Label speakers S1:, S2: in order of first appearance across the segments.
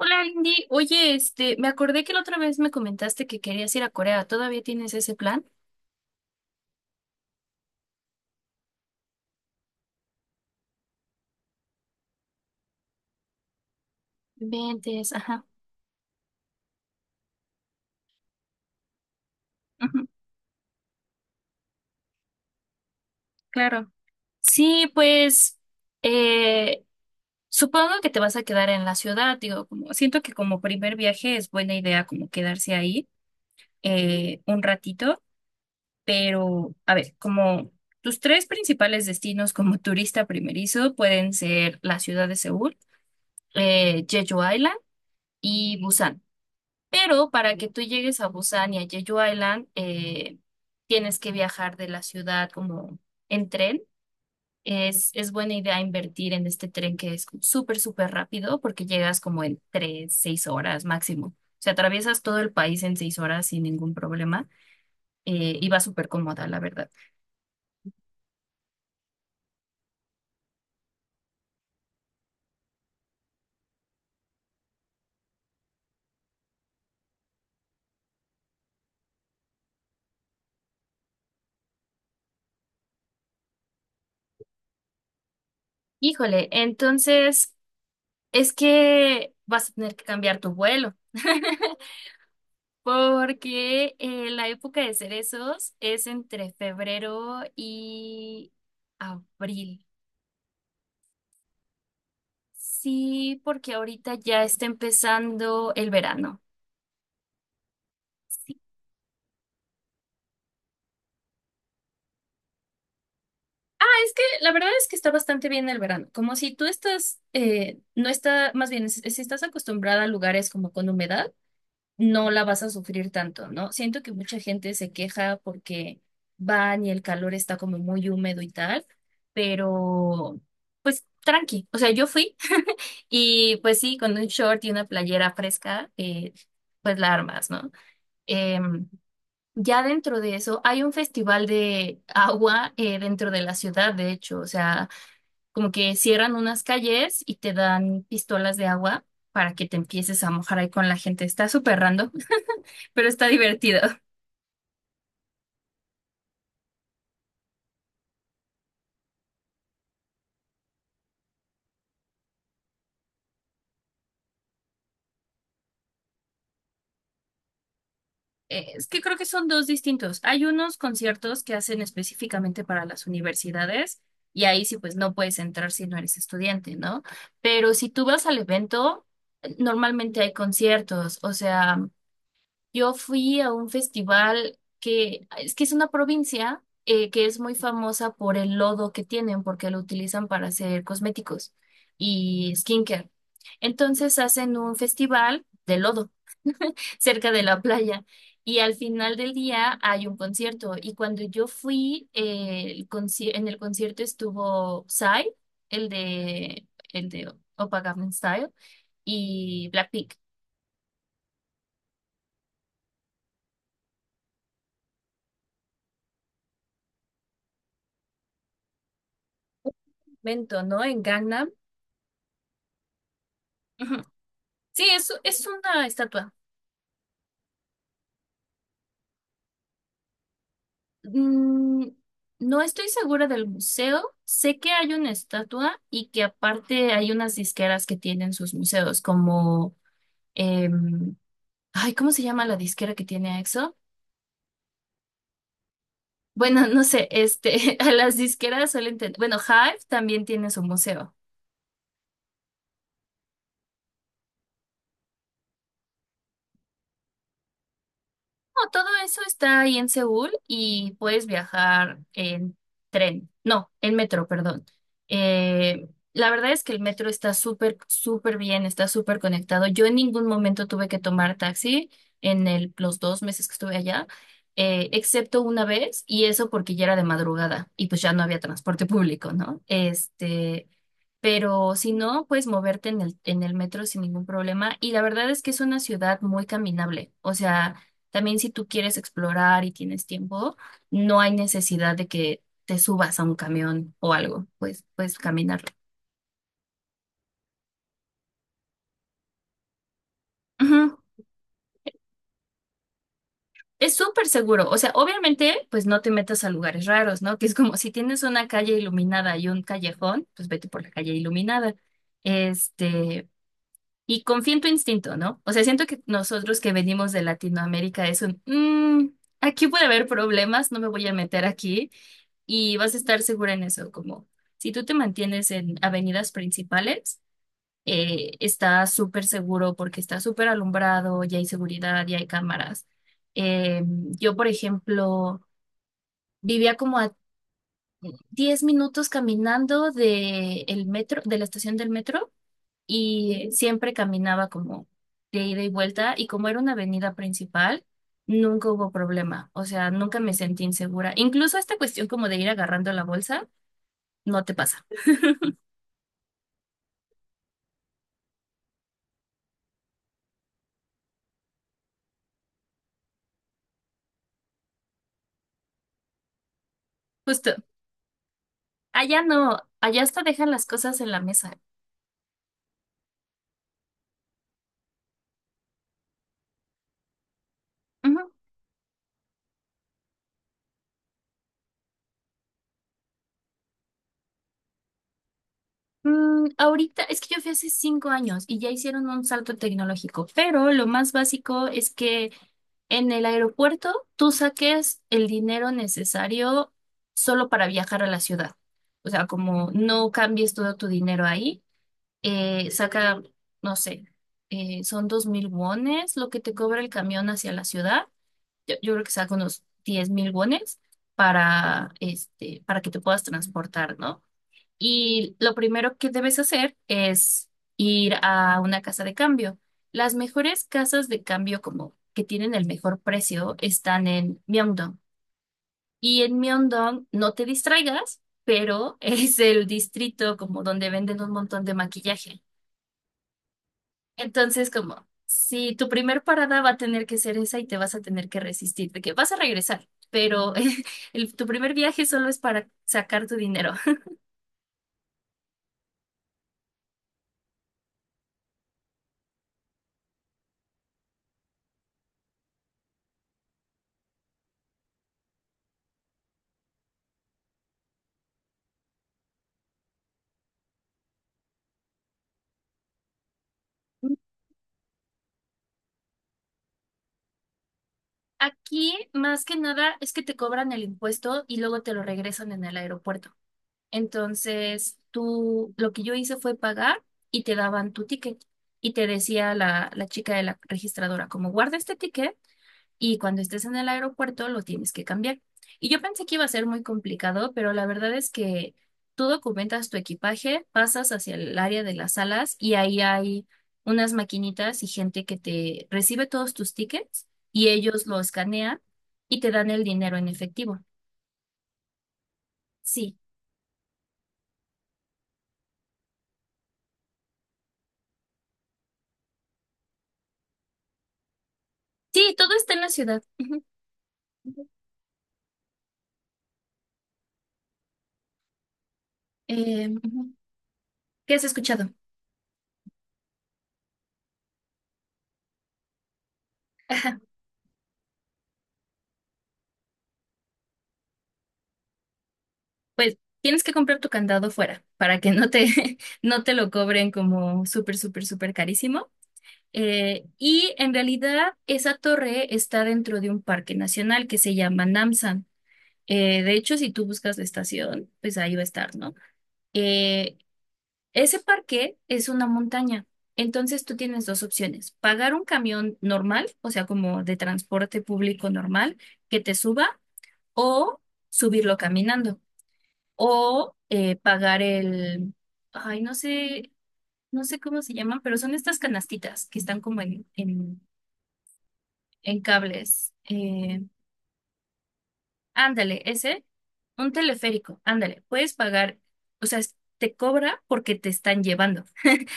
S1: Hola, Indy. Oye, me acordé que la otra vez me comentaste que querías ir a Corea. ¿Todavía tienes ese plan? Ventes, ajá. Ujú, claro. Sí, pues, eh, supongo que te vas a quedar en la ciudad. Digo, como, siento que como primer viaje es buena idea como quedarse ahí un ratito, pero, a ver, como tus tres principales destinos como turista primerizo pueden ser la ciudad de Seúl, Jeju Island y Busan. Pero para que tú llegues a Busan y a Jeju Island, tienes que viajar de la ciudad como en tren. Es buena idea invertir en este tren que es como súper, súper rápido porque llegas como en 3, 6 horas máximo. O sea, atraviesas todo el país en 6 horas sin ningún problema, y va súper cómoda, la verdad. Híjole, entonces es que vas a tener que cambiar tu vuelo. Porque la época de cerezos es entre febrero y abril. Sí, porque ahorita ya está empezando el verano. Sí, es que la verdad es que está bastante bien el verano, como si tú estás, no está, más bien, si estás acostumbrada a lugares como con humedad. No la vas a sufrir tanto, ¿no? Siento que mucha gente se queja porque van y el calor está como muy húmedo y tal, pero pues tranqui, o sea, yo fui y pues sí, con un short y una playera fresca, pues la armas, ¿no? Em, ya dentro de eso hay un festival de agua, dentro de la ciudad, de hecho, o sea, como que cierran unas calles y te dan pistolas de agua, para que te empieces a mojar ahí con la gente. Está súper random, pero está divertido. Es que creo que son dos distintos. Hay unos conciertos que hacen específicamente para las universidades y ahí sí pues no puedes entrar si no eres estudiante, ¿no? Pero si tú vas al evento, normalmente hay conciertos. O sea, yo fui a un festival que es una provincia, que es muy famosa por el lodo que tienen porque lo utilizan para hacer cosméticos y skincare. Entonces hacen un festival de lodo, cerca de la playa. Y al final del día hay un concierto. Y cuando yo fui, en el concierto estuvo Psy, el de, el de Oppa Gangnam Style, y Blackpink. Mento, ¿no? En Gangnam. Ujú. Sí, es una estatua. Mm, no estoy segura del museo. Sé que hay una estatua y que aparte hay unas disqueras que tienen sus museos, como... em, ay, ¿cómo se llama la disquera que tiene a EXO? Bueno, no sé, este, a las disqueras suelen tener, bueno, Hive también tiene su museo. No, todo eso está ahí en Seúl y puedes viajar en tren, no, en metro, perdón. La verdad es que el metro está súper, súper bien, está súper conectado. Yo en ningún momento tuve que tomar taxi en los 2 meses que estuve allá, excepto una vez, y eso porque ya era de madrugada y pues ya no había transporte público, ¿no? Este, pero si no, puedes moverte en el metro sin ningún problema y la verdad es que es una ciudad muy caminable, o sea... También si tú quieres explorar y tienes tiempo, no hay necesidad de que te subas a un camión o algo, pues puedes caminar. Ujú. Es súper seguro, o sea, obviamente, pues no te metas a lugares raros, ¿no? Que es como si tienes una calle iluminada y un callejón, pues vete por la calle iluminada. Este, y confía en tu instinto, ¿no? O sea, siento que nosotros que venimos de Latinoamérica es un, "Mm, aquí puede haber problemas, no me voy a meter aquí y vas a estar segura en eso", como si tú te mantienes en avenidas principales, está súper seguro porque está súper alumbrado, ya hay seguridad, ya hay cámaras. Eh, yo, por ejemplo, vivía como a 10 minutos caminando de el metro, de la estación del metro, y siempre caminaba como de ida y vuelta y como era una avenida principal, nunca hubo problema, o sea, nunca me sentí insegura. Incluso esta cuestión como de ir agarrando la bolsa, no te pasa. Justo, allá no, allá hasta dejan las cosas en la mesa. Ujú. Ahorita es que yo fui hace 5 años y ya hicieron un salto tecnológico, pero lo más básico es que en el aeropuerto tú saques el dinero necesario solo para viajar a la ciudad. O sea, como no cambies todo tu dinero ahí, saca, no sé, son 2000 wones lo que te cobra el camión hacia la ciudad. Yo creo que saca unos 10 000 wones para, este, para que te puedas transportar, ¿no? Y lo primero que debes hacer es ir a una casa de cambio. Las mejores casas de cambio como que tienen el mejor precio están en Myeongdong. Y en Myeongdong, no te distraigas, pero es el distrito como donde venden un montón de maquillaje. Entonces, como si tu primer parada va a tener que ser esa y te vas a tener que resistir, de que vas a regresar, pero tu primer viaje solo es para sacar tu dinero. Aquí, más que nada, es que te cobran el impuesto y luego te lo regresan en el aeropuerto. Entonces, tú, lo que yo hice fue pagar y te daban tu ticket. Y te decía la chica de la registradora, como guarda este ticket y cuando estés en el aeropuerto lo tienes que cambiar. Y yo pensé que iba a ser muy complicado, pero la verdad es que tú documentas tu equipaje, pasas hacia el área de las salas y ahí hay unas maquinitas y gente que te recibe todos tus tickets y ellos lo escanean y te dan el dinero en efectivo. Sí, sí, todo está en la ciudad. Ujú. Ujú. ¿Qué has escuchado? Ajá. Pues tienes que comprar tu candado fuera para que no te, no te lo cobren como súper, súper, súper carísimo. Y en realidad esa torre está dentro de un parque nacional que se llama Namsan. De hecho, si tú buscas la estación, pues ahí va a estar, ¿no? Eh, Ese parque es una montaña. Entonces tú tienes dos opciones, pagar un camión normal, o sea, como de transporte público normal, que te suba, o subirlo caminando, o pagar el, ay, no sé, no sé cómo se llaman, pero son estas canastitas que están como en cables. Ándale, ese, un teleférico, ándale, puedes pagar, o sea, te cobra porque te están llevando,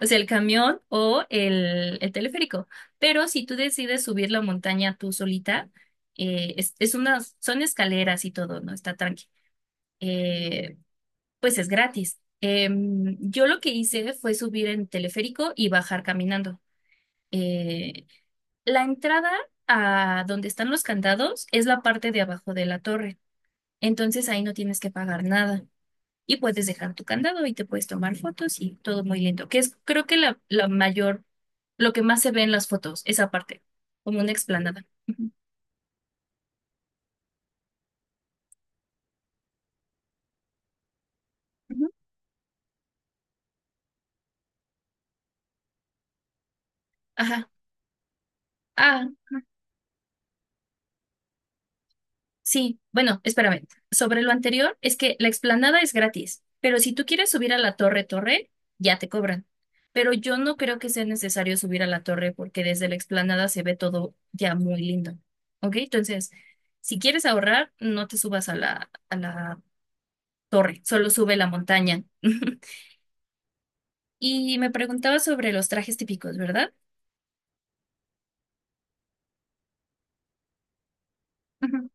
S1: o sea, el camión o el teleférico. Pero si tú decides subir la montaña tú solita, son escaleras y todo, ¿no? Está tranqui. Eh, pues es gratis. Yo lo que hice fue subir en teleférico y bajar caminando. Eh, La entrada a donde están los candados es la parte de abajo de la torre. Entonces ahí no tienes que pagar nada y puedes dejar tu candado y te puedes tomar fotos y todo muy lindo, que es creo que la mayor, lo que más se ve en las fotos, esa parte, como una explanada. Ujú. Ujú. Ajá. Ah, sí, bueno, espérame. Sobre lo anterior, es que la explanada es gratis, pero si tú quieres subir a la torre, torre, ya te cobran. Pero yo no creo que sea necesario subir a la torre porque desde la explanada se ve todo ya muy lindo. ¿Ok? Entonces, si quieres ahorrar, no te subas a la torre, solo sube la montaña. Y me preguntaba sobre los trajes típicos, ¿verdad? Ujú,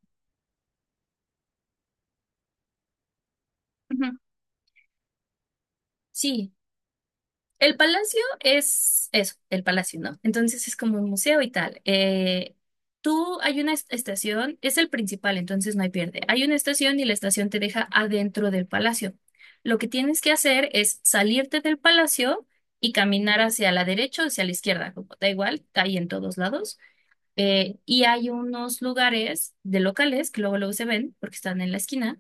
S1: ujú. Sí. El palacio es eso, el palacio, ¿no? Entonces es como un museo y tal. Tú hay una estación, es el principal, entonces no hay pierde. Hay una estación y la estación te deja adentro del palacio. Lo que tienes que hacer es salirte del palacio y caminar hacia la derecha o hacia la izquierda, como da igual, hay en todos lados. Y hay unos lugares de locales que luego luego se ven porque están en la esquina,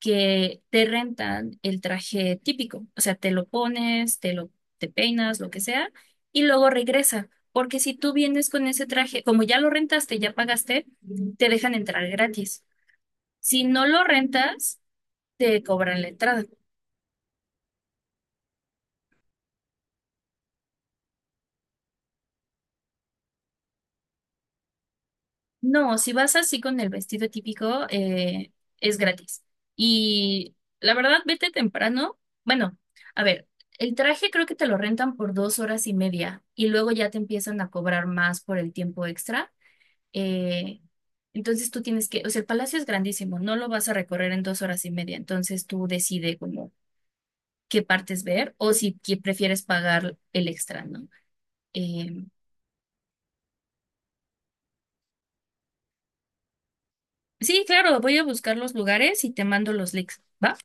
S1: que te rentan el traje típico, o sea, te lo pones, te peinas, lo que sea, y luego regresa, porque si tú vienes con ese traje, como ya lo rentaste, ya pagaste, te dejan entrar gratis. Si no lo rentas, te cobran la entrada. No, si vas así con el vestido típico, es gratis. Y la verdad, vete temprano. Bueno, a ver, el traje creo que te lo rentan por 2 horas y media y luego ya te empiezan a cobrar más por el tiempo extra. Eh, entonces tú tienes que, o sea, el palacio es grandísimo, no lo vas a recorrer en 2 horas y media, entonces tú decides como qué partes ver o si prefieres pagar el extra, ¿no? Eh, sí, claro, voy a buscar los lugares y te mando los links, ¿va?